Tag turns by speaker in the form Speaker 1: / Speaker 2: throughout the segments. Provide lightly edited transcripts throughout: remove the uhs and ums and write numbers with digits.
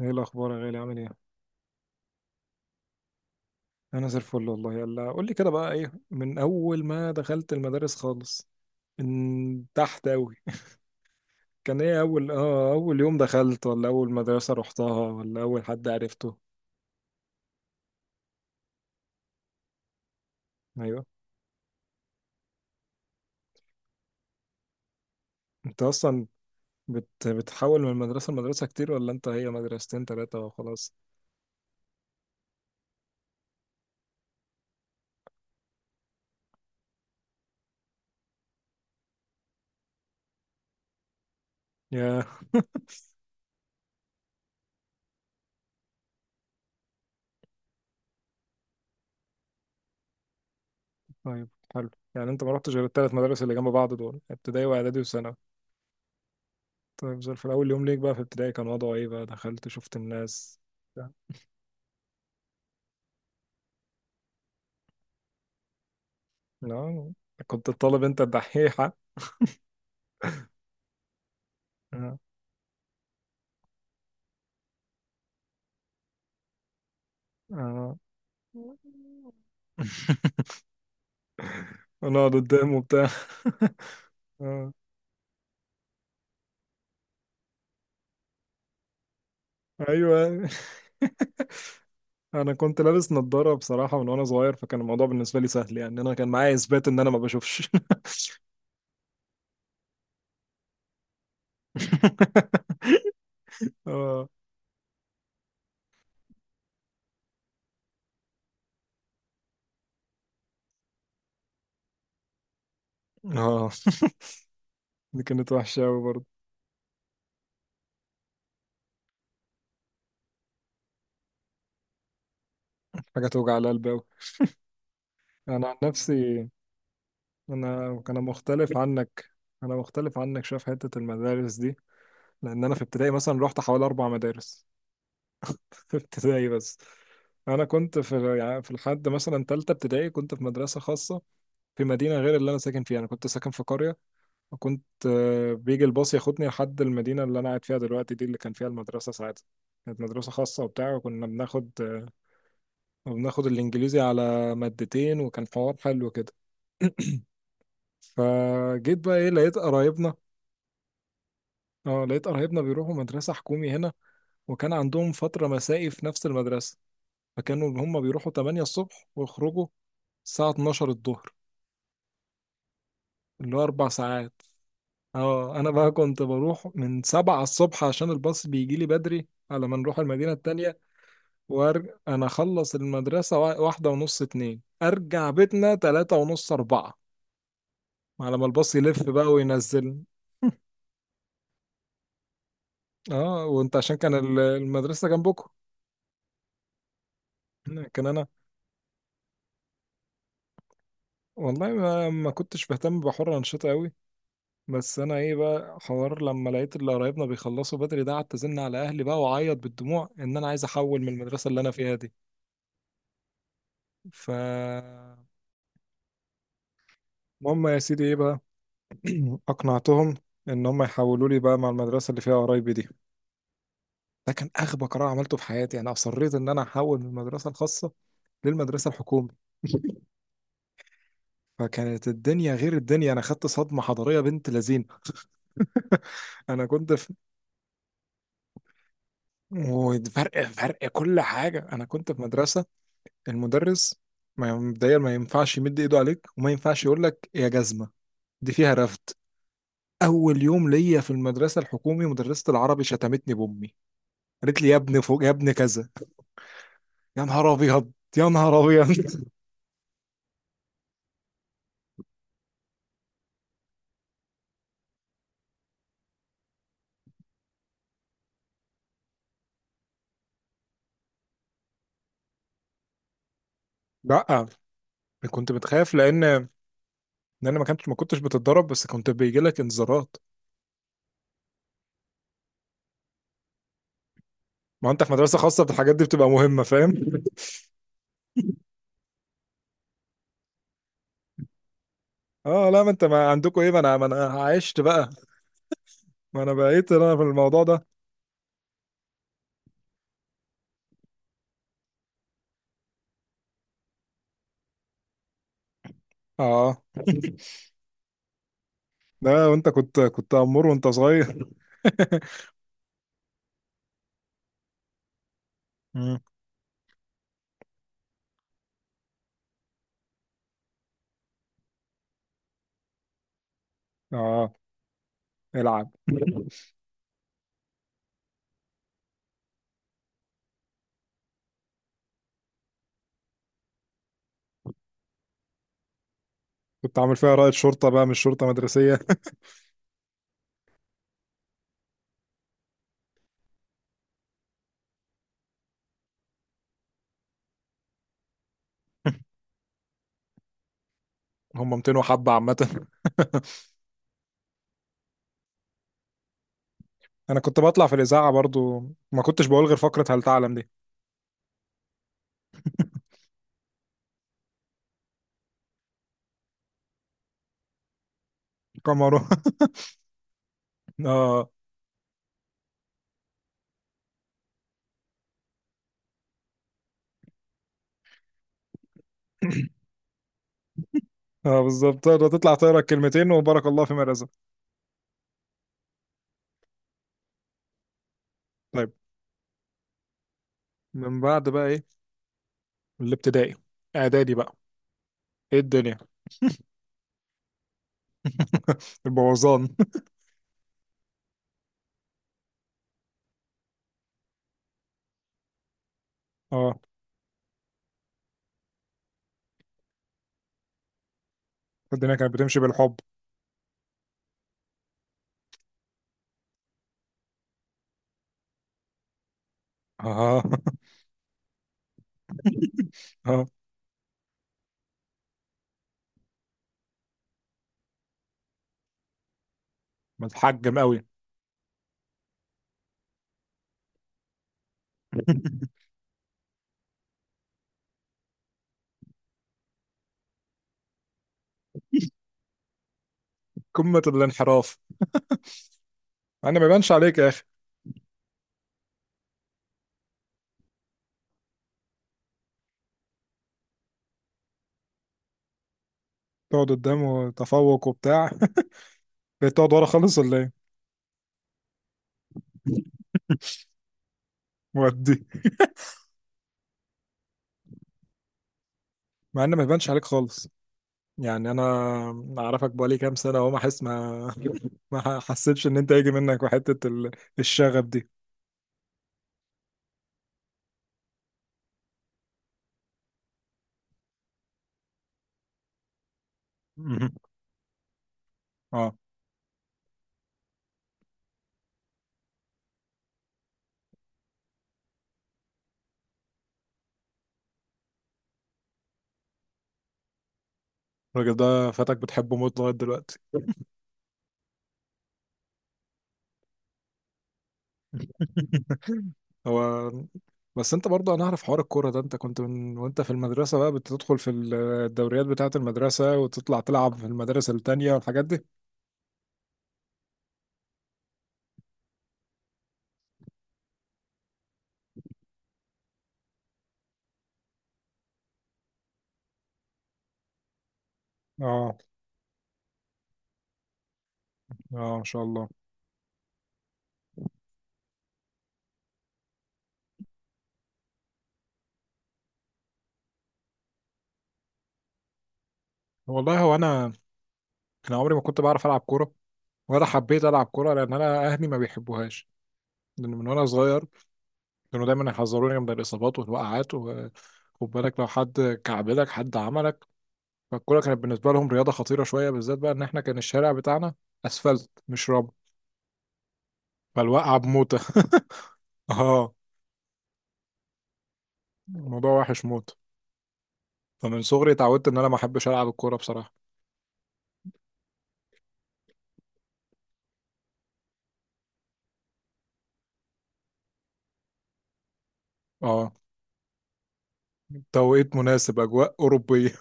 Speaker 1: ايه الاخبار يا غالي، عامل ايه؟ انا زي الفل والله. يلا قول لي كده، بقى ايه من اول ما دخلت المدارس خالص، من تحت قوي؟ كان ايه اول يوم دخلت، ولا اول مدرسة رحتها، ولا اول حد عرفته؟ ايوه. انت اصلا بتحول من مدرسة لمدرسة كتير، ولا انت هي مدرستين ثلاثة وخلاص؟ يا. طيب. حلو، يعني انت ما رحتش غير الثلاث مدارس اللي جنب بعض دول، ابتدائي واعدادي وثانوي؟ طيب زي الفل، اول يوم ليك بقى في ابتدائي، كان وضعه ايه بقى؟ دخلت شفت الناس؟ آه. كنت الطالب انت الدحيحة؟ آه. آه. ونقعد قدامه وبتاع. آه. ايوه. انا كنت لابس نظارة بصراحة من وانا صغير، فكان الموضوع بالنسبة لي سهل، يعني انا كان معايا اثبات ان انا ما بشوفش. اه. اه، دي كانت وحشة أوي برضه، حاجة توجع القلب أوي. أنا عن نفسي، أنا مختلف عنك. أنا مختلف عنك شوية في حتة المدارس دي، لأن أنا في ابتدائي مثلا رحت حوالي أربع مدارس، في ابتدائي بس. انا كنت في لحد مثلا تالتة ابتدائي كنت في مدرسة خاصة، في مدينة غير اللي انا ساكن فيها، انا كنت ساكن في قرية. وكنت بيجي الباص ياخدني لحد المدينة اللي انا قاعد فيها دلوقتي دي، اللي كان فيها المدرسة ساعتها. كانت مدرسة خاصة وبتاع، وكنا بناخد الانجليزي على مادتين، وكان حوار حلو كده. فجيت بقى ايه، لقيت قرايبنا. اه لقيت قرايبنا بيروحوا مدرسة حكومي هنا، وكان عندهم فترة مسائي في نفس المدرسة، فكانوا اللي هم بيروحوا 8 الصبح ويخرجوا الساعة 12 الظهر، اللي هو 4 ساعات. اه أنا بقى كنت بروح من 7 الصبح، عشان الباص بيجي لي بدري على ما نروح المدينة التانية. وأرجع أنا أخلص المدرسة واحدة ونص اتنين، أرجع بيتنا تلاتة ونص أربعة، على ما الباص يلف بقى وينزل. اه وانت عشان كان المدرسة جنبكم. كان أنا. والله ما كنتش بهتم بحر الأنشطة أوي. بس انا ايه بقى حوار، لما لقيت اللي قرايبنا بيخلصوا بدري ده، قعدت ازن على اهلي بقى واعيط بالدموع ان انا عايز احول من المدرسه اللي انا فيها دي. ف المهم يا سيدي ايه بقى، اقنعتهم ان هم يحولوا لي بقى مع المدرسه اللي فيها قرايبي دي. ده كان اغبى قرار عملته في حياتي، انا اصريت ان انا احول من المدرسه الخاصه للمدرسه الحكومي. فكانت الدنيا غير الدنيا، انا خدت صدمه حضاريه بنت لذين. انا كنت في. وفرق فرق كل حاجه، انا كنت في مدرسه. المدرس ما مبدئيا ما ينفعش يمد ايده عليك، وما ينفعش يقول لك يا جزمه، دي فيها رفد. اول يوم ليا في المدرسه الحكومي، مدرسه العربي شتمتني بامي، قالت لي يا ابن فوق يا ابن كذا، يا نهار ابيض يا نهار ابيض. لا، كنت بتخاف، لان انا ما كنتش بتتضرب، بس كنت بيجي لك انذارات. ما انت في مدرسه خاصه الحاجات دي بتبقى مهمه، فاهم. اه لا، ما انت ما عندكم ايه، ما انا عشت بقى، ما انا بقيت انا في الموضوع ده. اه لا، وانت كنت امور وانت صغير. اه. العب. كنت عامل فيها رائد شرطة بقى، مش شرطة مدرسية. هم 200 وحبة عامة. انا كنت بطلع في الإذاعة برضو، ما كنتش بقول غير فقرة هل تعلم دي. قمر. اه. اه بالظبط، تقدر تطلع تقرا الكلمتين وبارك الله فيما رزق. طيب، من بعد بقى ايه، الابتدائي، اعدادي بقى، ايه الدنيا؟ البوظان. اه، الدنيا كانت بتمشي بالحب. اه. اه متحجم قوي. قمة الانحراف. انا ما يبانش عليك يا اخي. تقعد قدامه تفوق وبتاع؟ بقيت تقعد ورا خالص ولا ايه؟ ودي. مع ان ما يبانش عليك خالص، يعني انا اعرفك بقالي كام سنه اهو، ما احس ما ما حسيتش ان انت يجي منك الشغف دي. مهم. اه. الراجل ده فاتك بتحبه موت لغايه دلوقتي. هو. بس انت برضه، انا اعرف حوار الكوره ده، انت كنت من وانت في المدرسه بقى بتدخل في الدوريات بتاعه المدرسه، وتطلع تلعب في المدارس التانية والحاجات دي. اه. اه ما شاء الله. والله هو انا، انا عمري ما كنت بعرف العب كوره، ولا حبيت العب كوره لان انا اهلي ما بيحبوهاش، لان من وانا صغير كانوا دايما يحذروني من الاصابات والوقعات، و خد بالك لو حد كعبلك حد عملك. فالكوره كانت بالنسبه لهم رياضه خطيره شويه، بالذات بقى ان احنا كان الشارع بتاعنا اسفلت مش رمل، فالوقعه بموته. اه، الموضوع وحش موت. فمن صغري اتعودت ان انا ما احبش العب الكوره بصراحه. اه، توقيت مناسب، اجواء اوروبيه.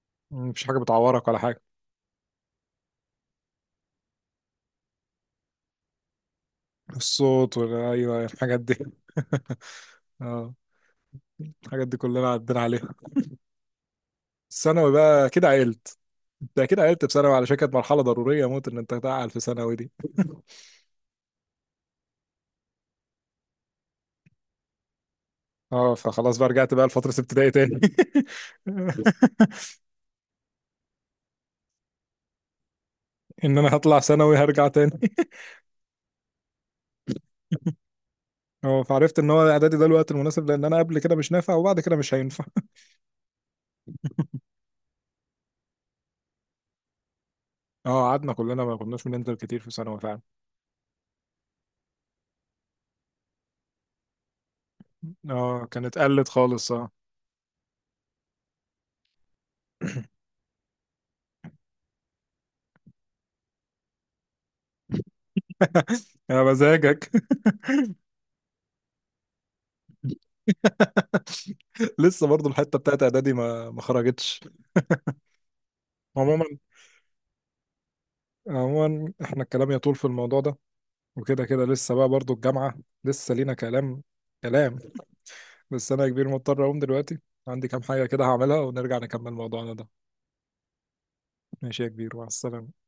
Speaker 1: مفيش حاجه بتعورك ولا حاجه. الصوت ولا ايوه الحاجات دي. اه الحاجات دي كلنا عدينا عليها. ثانوي بقى كده عقلت. انت كده عقلت في ثانوي، على كانت مرحله ضروريه موت ان انت تعقل في ثانوي دي. اه فخلاص بقى رجعت بقى لفتره ابتدائي تاني. ان انا هطلع ثانوي هرجع تاني. اه فعرفت ان هو اعدادي ده الوقت المناسب، لان انا قبل كده مش نافع، وبعد كده مش هينفع. اه قعدنا كلنا ما كناش بننزل كتير في ثانوي فعلا. اه كانت قلت خالص اه. يا مزاجك. لسه برضو الحته بتاعت اعدادي ما خرجتش. عموما عموما احنا الكلام يطول في الموضوع ده، وكده كده لسه بقى برضو الجامعة، لسه لينا كلام. كلام. بس أنا يا كبير مضطر أقوم دلوقتي، عندي كام حاجة كده هعملها، ونرجع نكمل موضوعنا ده. ماشي يا كبير، مع السلامة.